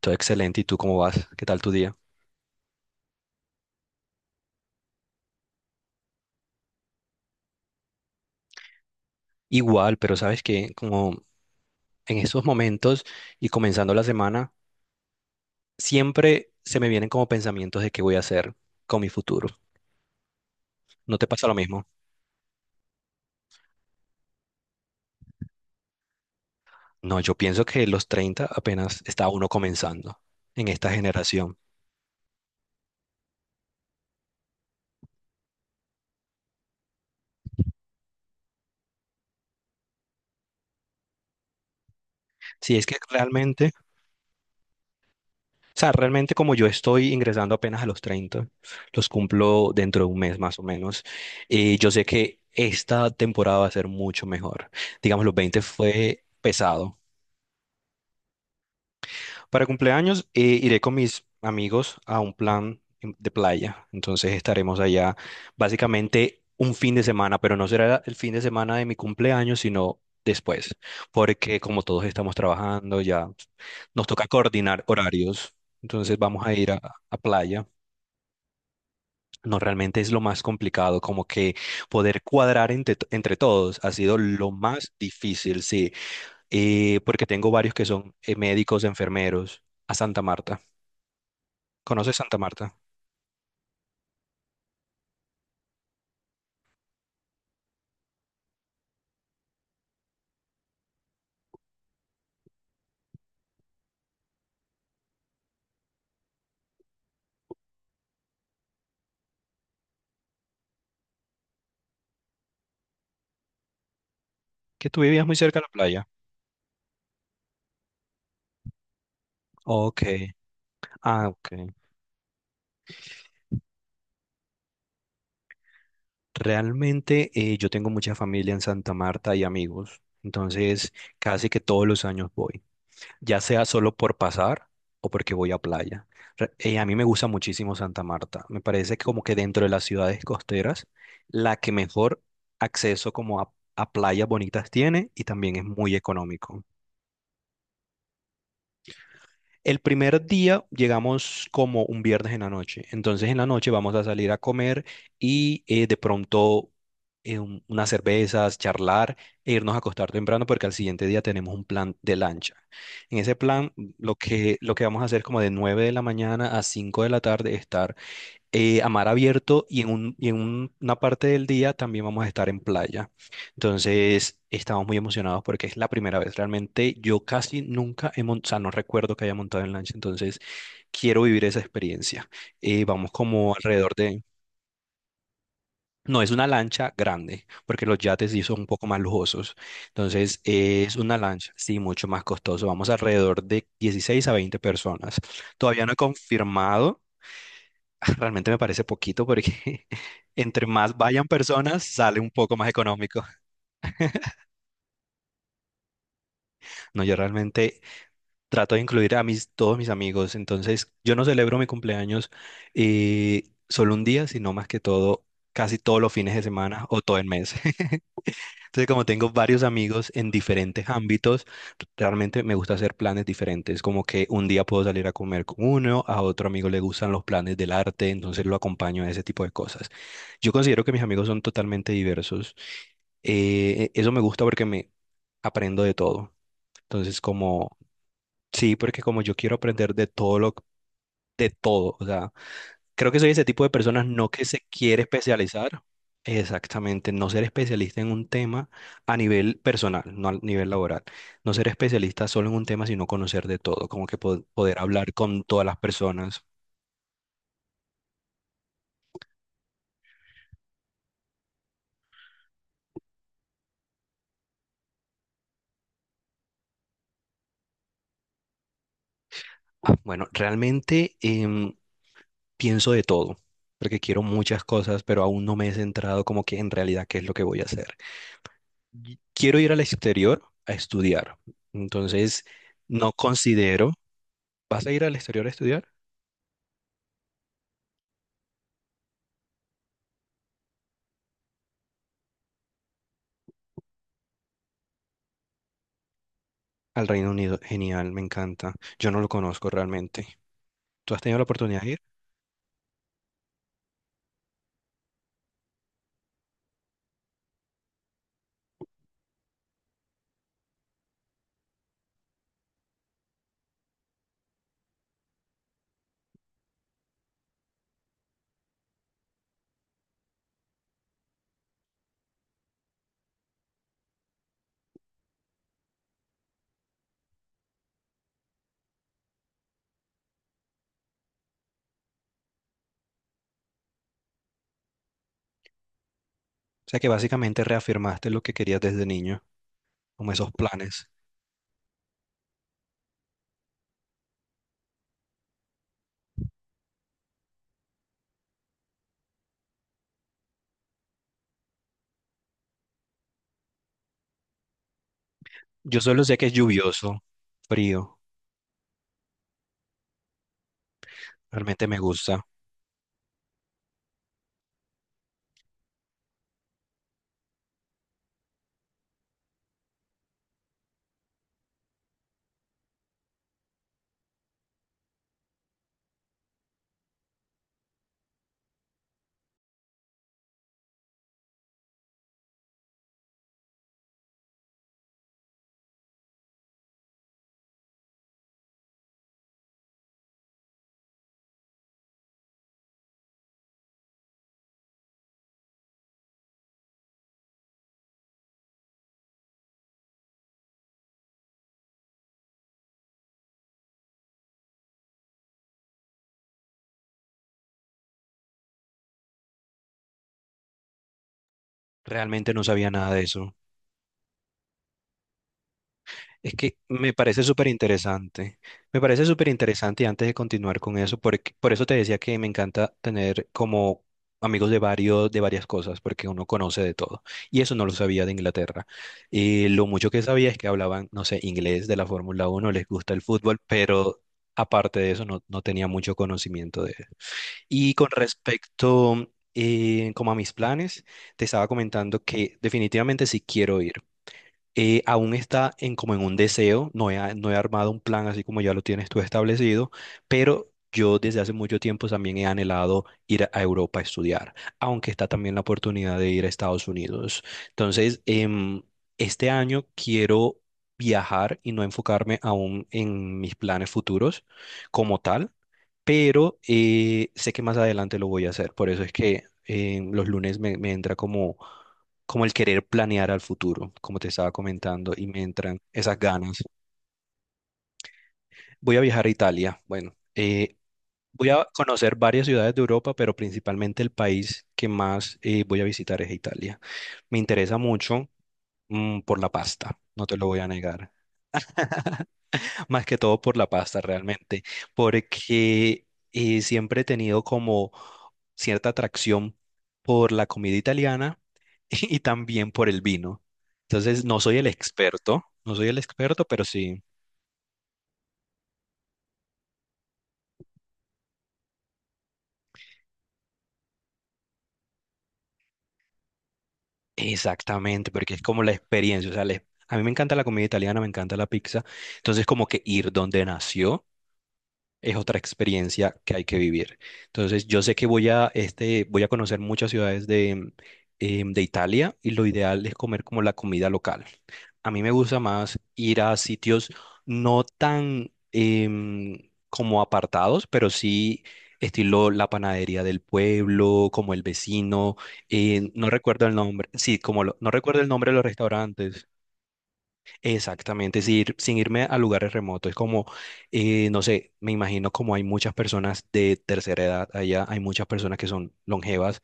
Todo excelente. ¿Y tú cómo vas? ¿Qué tal tu día? Igual, pero sabes que como en esos momentos y comenzando la semana, siempre se me vienen como pensamientos de qué voy a hacer con mi futuro. ¿No te pasa lo mismo? No, yo pienso que los 30 apenas está uno comenzando en esta generación. Si es que realmente, o sea, realmente como yo estoy ingresando apenas a los 30, los cumplo dentro de un mes más o menos, yo sé que esta temporada va a ser mucho mejor. Digamos, los 20 fue pesado. Para cumpleaños iré con mis amigos a un plan de playa. Entonces estaremos allá básicamente un fin de semana, pero no será el fin de semana de mi cumpleaños, sino después, porque como todos estamos trabajando, ya nos toca coordinar horarios. Entonces vamos a ir a playa. No, realmente es lo más complicado, como que poder cuadrar entre todos ha sido lo más difícil, sí. Porque tengo varios que son médicos, enfermeros, a Santa Marta. ¿Conoces Santa Marta? Que tú vivías muy cerca de la playa. Ok. Ah, ok. Realmente yo tengo mucha familia en Santa Marta y amigos, entonces casi que todos los años voy, ya sea solo por pasar o porque voy a playa. A mí me gusta muchísimo Santa Marta, me parece que como que dentro de las ciudades costeras, la que mejor acceso como a playas bonitas tiene y también es muy económico. El primer día llegamos como un viernes en la noche, entonces en la noche vamos a salir a comer y de pronto unas cervezas, charlar e irnos a acostar temprano porque al siguiente día tenemos un plan de lancha. En ese plan lo que vamos a hacer es como de 9 de la mañana a 5 de la tarde, estar a mar abierto y una parte del día también vamos a estar en playa. Entonces, estamos muy emocionados porque es la primera vez. Realmente yo casi nunca he montado, o sea, no recuerdo que haya montado en lancha, entonces quiero vivir esa experiencia. Vamos como alrededor de... No, es una lancha grande, porque los yates sí son un poco más lujosos. Entonces, es una lancha, sí, mucho más costoso. Vamos alrededor de 16 a 20 personas. Todavía no he confirmado. Realmente me parece poquito porque entre más vayan personas, sale un poco más económico. No, yo realmente trato de incluir a todos mis amigos. Entonces, yo no celebro mi cumpleaños solo un día, sino más que todo, casi todos los fines de semana o todo el mes. Entonces, como tengo varios amigos en diferentes ámbitos, realmente me gusta hacer planes diferentes. Como que un día puedo salir a comer con uno, a otro amigo le gustan los planes del arte, entonces lo acompaño a ese tipo de cosas. Yo considero que mis amigos son totalmente diversos. Eso me gusta porque me aprendo de todo. Entonces, como, sí, porque como yo quiero aprender de todo, o sea. Creo que soy ese tipo de personas, no que se quiere especializar. Exactamente, no ser especialista en un tema a nivel personal, no a nivel laboral. No ser especialista solo en un tema, sino conocer de todo, como que poder hablar con todas las personas. Ah, bueno, realmente pienso de todo, porque quiero muchas cosas, pero aún no me he centrado como que en realidad qué es lo que voy a hacer. Y quiero ir al exterior a estudiar, entonces no considero... ¿Vas a ir al exterior a estudiar? Al Reino Unido, genial, me encanta. Yo no lo conozco realmente. ¿Tú has tenido la oportunidad de ir? O sea que básicamente reafirmaste lo que querías desde niño, como esos planes. Yo solo sé que es lluvioso, frío, realmente me gusta. Realmente no sabía nada de eso. Es que me parece súper interesante. Me parece súper interesante y antes de continuar con eso, porque, por eso te decía que me encanta tener como amigos de varios, de varias cosas, porque uno conoce de todo. Y eso no lo sabía de Inglaterra. Y lo mucho que sabía es que hablaban, no sé, inglés de la Fórmula Uno, les gusta el fútbol, pero aparte de eso no tenía mucho conocimiento de eso. Y con respecto como a mis planes, te estaba comentando que definitivamente sí quiero ir, aún está en como en un deseo, no he armado un plan así como ya lo tienes tú establecido, pero yo desde hace mucho tiempo también he anhelado ir a Europa a estudiar, aunque está también la oportunidad de ir a Estados Unidos. Entonces, este año quiero viajar y no enfocarme aún en mis planes futuros como tal, pero sé que más adelante lo voy a hacer, por eso es que los lunes me entra como el querer planear al futuro, como te estaba comentando, y me entran esas ganas. Voy a viajar a Italia. Bueno, voy a conocer varias ciudades de Europa, pero principalmente el país que más voy a visitar es Italia. Me interesa mucho, por la pasta, no te lo voy a negar. Más que todo por la pasta realmente, porque siempre he tenido como cierta atracción por la comida italiana y también por el vino. Entonces, no soy el experto, no soy el experto, pero sí, exactamente, porque es como la experiencia, o sea, a mí me encanta la comida italiana, me encanta la pizza, entonces como que ir donde nació es otra experiencia que hay que vivir. Entonces, yo sé que voy a conocer muchas ciudades de Italia y lo ideal es comer como la comida local. A mí me gusta más ir a sitios no tan como apartados, pero sí estilo la panadería del pueblo, como el vecino, no recuerdo el nombre, sí, como no recuerdo el nombre de los restaurantes. Exactamente, sin, sin irme a lugares remotos. Es como, no sé, me imagino como hay muchas personas de tercera edad allá, hay muchas personas que son longevas.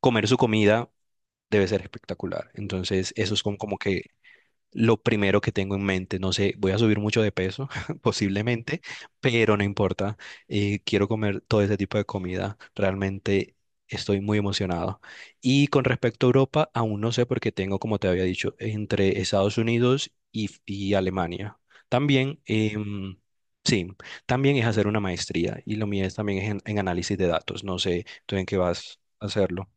Comer su comida debe ser espectacular. Entonces, eso es como, como que lo primero que tengo en mente. No sé, voy a subir mucho de peso, posiblemente, pero no importa. Quiero comer todo ese tipo de comida. Realmente estoy muy emocionado. Y con respecto a Europa, aún no sé porque tengo, como te había dicho, entre Estados Unidos y Alemania. También, sí, también es hacer una maestría y lo mío es también es en análisis de datos. No sé tú en qué vas a hacerlo.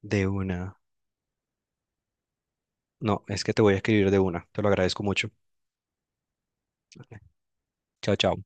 De una. No, es que te voy a escribir de una. Te lo agradezco mucho. Chao, chao.